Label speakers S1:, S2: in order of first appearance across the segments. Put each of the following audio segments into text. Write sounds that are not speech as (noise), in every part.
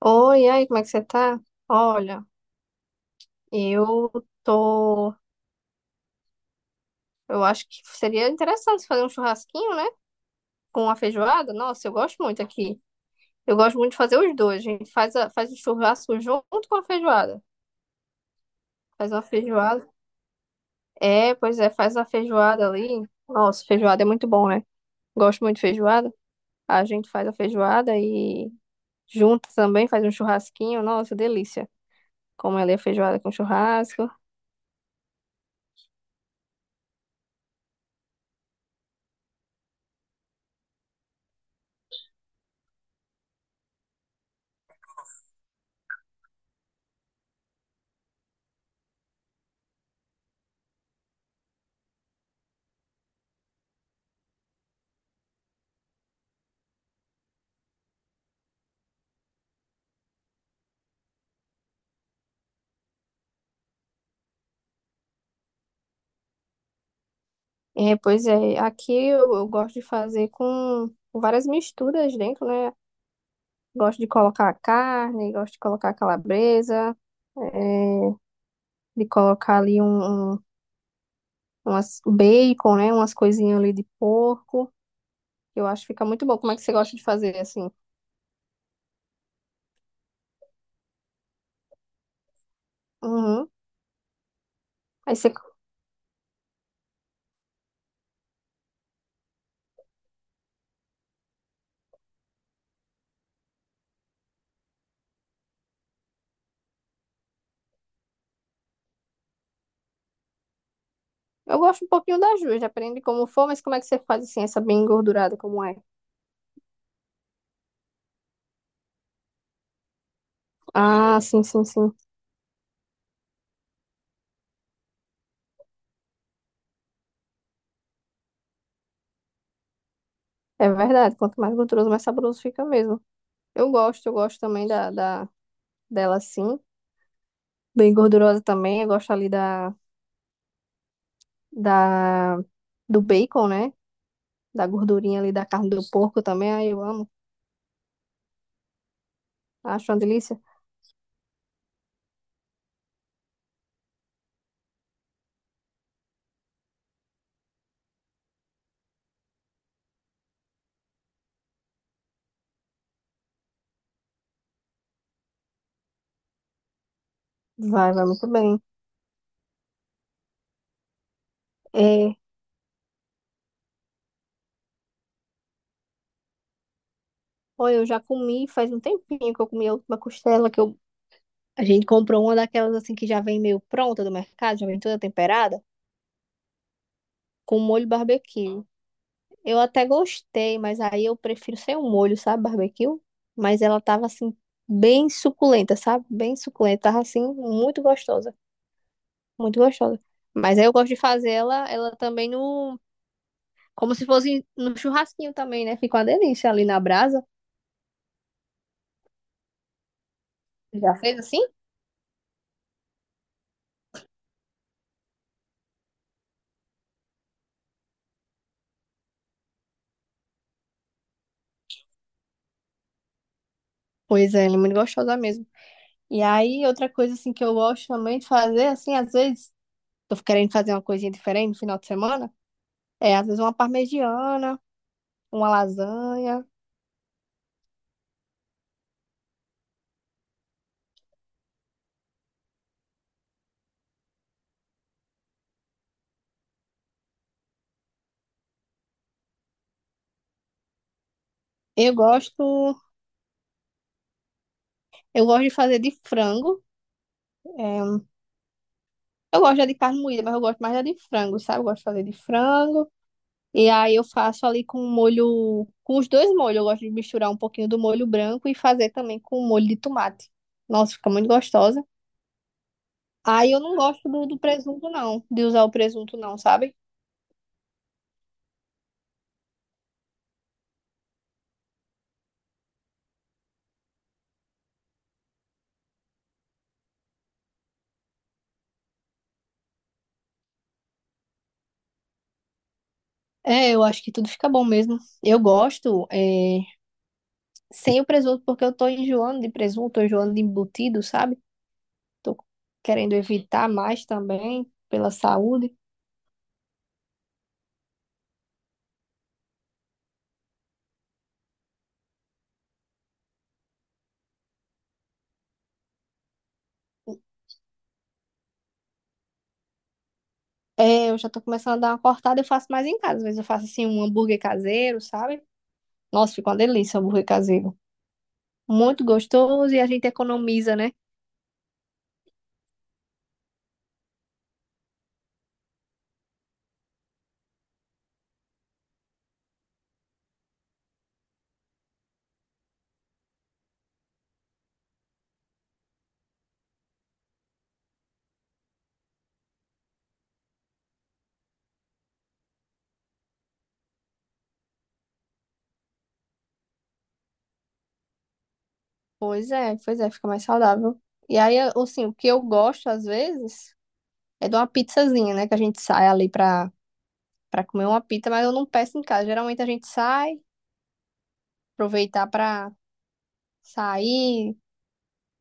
S1: Oi, e aí, como é que você tá? Olha, eu tô. Eu acho que seria interessante fazer um churrasquinho, né? Com a feijoada. Nossa, eu gosto muito aqui. Eu gosto muito de fazer os dois. A gente faz, faz o churrasco junto com a feijoada. Faz uma feijoada. É, pois é, faz a feijoada ali. Nossa, feijoada é muito bom, né? Gosto muito de feijoada. A gente faz a feijoada e junto também faz um churrasquinho. Nossa, delícia. Como ela é feijoada com churrasco. É, pois é, aqui eu gosto de fazer com várias misturas dentro, né? Gosto de colocar carne, gosto de colocar calabresa, é, de colocar ali um, um umas um bacon, né? Umas coisinhas ali de porco. Eu acho que fica muito bom. Como é que você gosta de fazer assim? Uhum. Aí você, eu gosto um pouquinho das duas, depende de como for, mas como é que você faz assim, essa bem engordurada, como é? Ah, sim, sim, sim. É verdade. Quanto mais gorduroso, mais saboroso fica mesmo. Eu gosto também da dela assim. Bem gordurosa também. Eu gosto ali da, do bacon, né? Da gordurinha ali da carne do porco também. Aí eu amo. Acho uma delícia. Vai, vai muito bem. É, olha, eu já comi faz um tempinho que eu comi a última costela que a gente comprou uma daquelas assim que já vem meio pronta do mercado, já vem toda temperada, com molho barbecue. Eu até gostei, mas aí eu prefiro sem o molho, sabe, barbecue? Mas ela tava assim, bem suculenta, sabe? Bem suculenta. Tava assim, muito gostosa. Muito gostosa. Mas aí eu gosto de fazer ela também como se fosse no churrasquinho também, né? Fica uma delícia ali na brasa. Já fez assim? Pois é, ela é muito gostosa mesmo. E aí, outra coisa assim que eu gosto também de fazer, assim, às vezes, tô querendo fazer uma coisinha diferente no final de semana, é às vezes uma parmegiana, uma lasanha. Eu gosto, eu gosto de fazer de frango. É, eu gosto já de carne moída, mas eu gosto mais da de frango, sabe? Eu gosto de fazer de frango. E aí eu faço ali com o molho, com os dois molhos. Eu gosto de misturar um pouquinho do molho branco e fazer também com o molho de tomate. Nossa, fica muito gostosa. Aí eu não gosto do presunto, não, de usar o presunto, não, sabe? É, eu acho que tudo fica bom mesmo. Eu gosto, é, sem o presunto, porque eu tô enjoando de presunto, tô enjoando de embutido, sabe? Tô querendo evitar mais também, pela saúde. É, eu já tô começando a dar uma cortada, eu faço mais em casa. Às vezes eu faço assim um hambúrguer caseiro, sabe? Nossa, fica uma delícia o hambúrguer caseiro. Muito gostoso e a gente economiza, né? Pois é, fica mais saudável. E aí, assim, o que eu gosto às vezes é de uma pizzazinha, né? Que a gente sai ali pra comer uma pizza, mas eu não peço em casa. Geralmente a gente sai, aproveitar pra sair,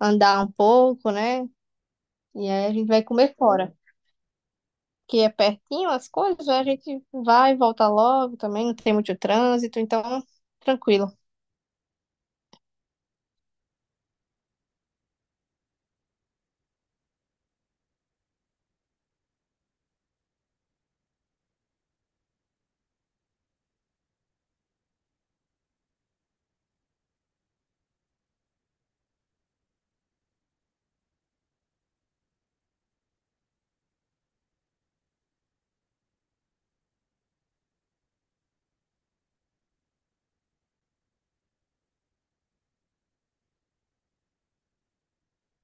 S1: andar um pouco, né? E aí a gente vai comer fora. Que é pertinho as coisas, né? A gente vai e volta logo também, não tem muito trânsito, então tranquilo.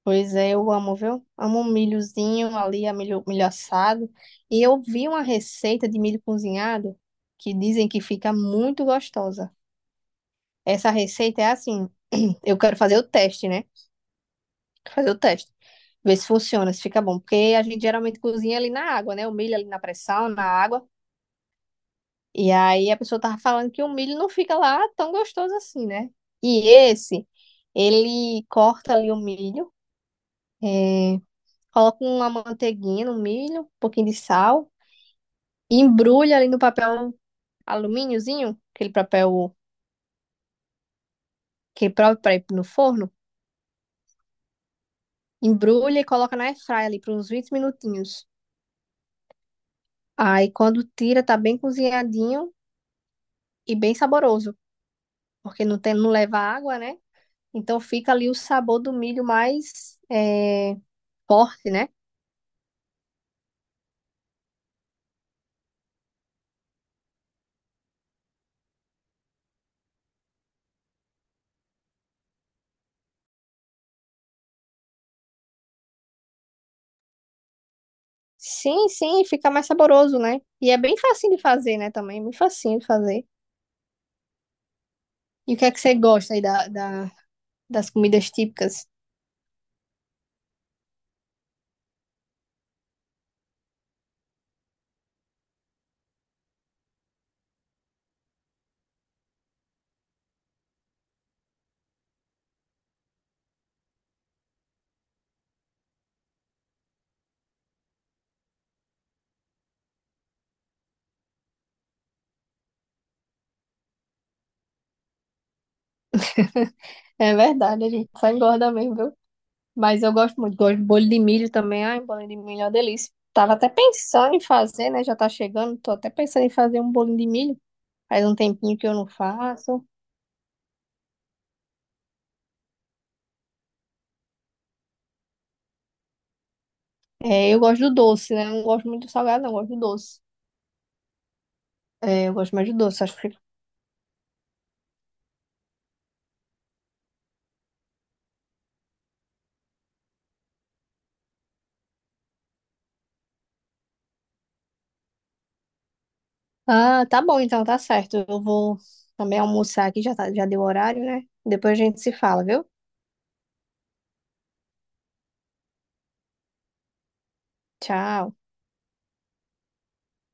S1: Pois é, eu amo, viu? Amo um milhozinho ali, milho assado. E eu vi uma receita de milho cozinhado que dizem que fica muito gostosa. Essa receita é assim, (clears throat) eu quero fazer o teste, né? Quero fazer o teste. Ver se funciona, se fica bom. Porque a gente geralmente cozinha ali na água, né? O milho ali na pressão, na água. E aí a pessoa tava falando que o milho não fica lá tão gostoso assim, né? E esse, ele corta ali o milho. é, Coloca uma manteiguinha, um milho, um pouquinho de sal. E embrulha ali no papel alumíniozinho, aquele papel que é próprio para ir no forno. Embrulha e coloca na airfryer ali por uns 20 minutinhos. Aí quando tira, tá bem cozinhadinho e bem saboroso. Porque não tem, não leva água, né? Então fica ali o sabor do milho mais forte, né? Sim, sim, fica mais saboroso, né? E é bem facinho de fazer, né? Também, é bem facinho de fazer. E o que é que você gosta aí das comidas típicas? (laughs) É verdade, a gente só engorda mesmo, viu? Mas eu gosto muito, gosto de bolho de milho também. Ai, bolho de milho é uma delícia. Tava até pensando em fazer, né? Já tá chegando, tô até pensando em fazer um bolinho de milho. Faz um tempinho que eu não faço. É, eu gosto do doce, né? Eu não gosto muito do salgado, não, eu gosto do doce. É, eu gosto mais do doce, acho que fica. Ah, tá bom, então tá certo. Eu vou também almoçar aqui, já, tá, já deu o horário, né? Depois a gente se fala, viu? Tchau.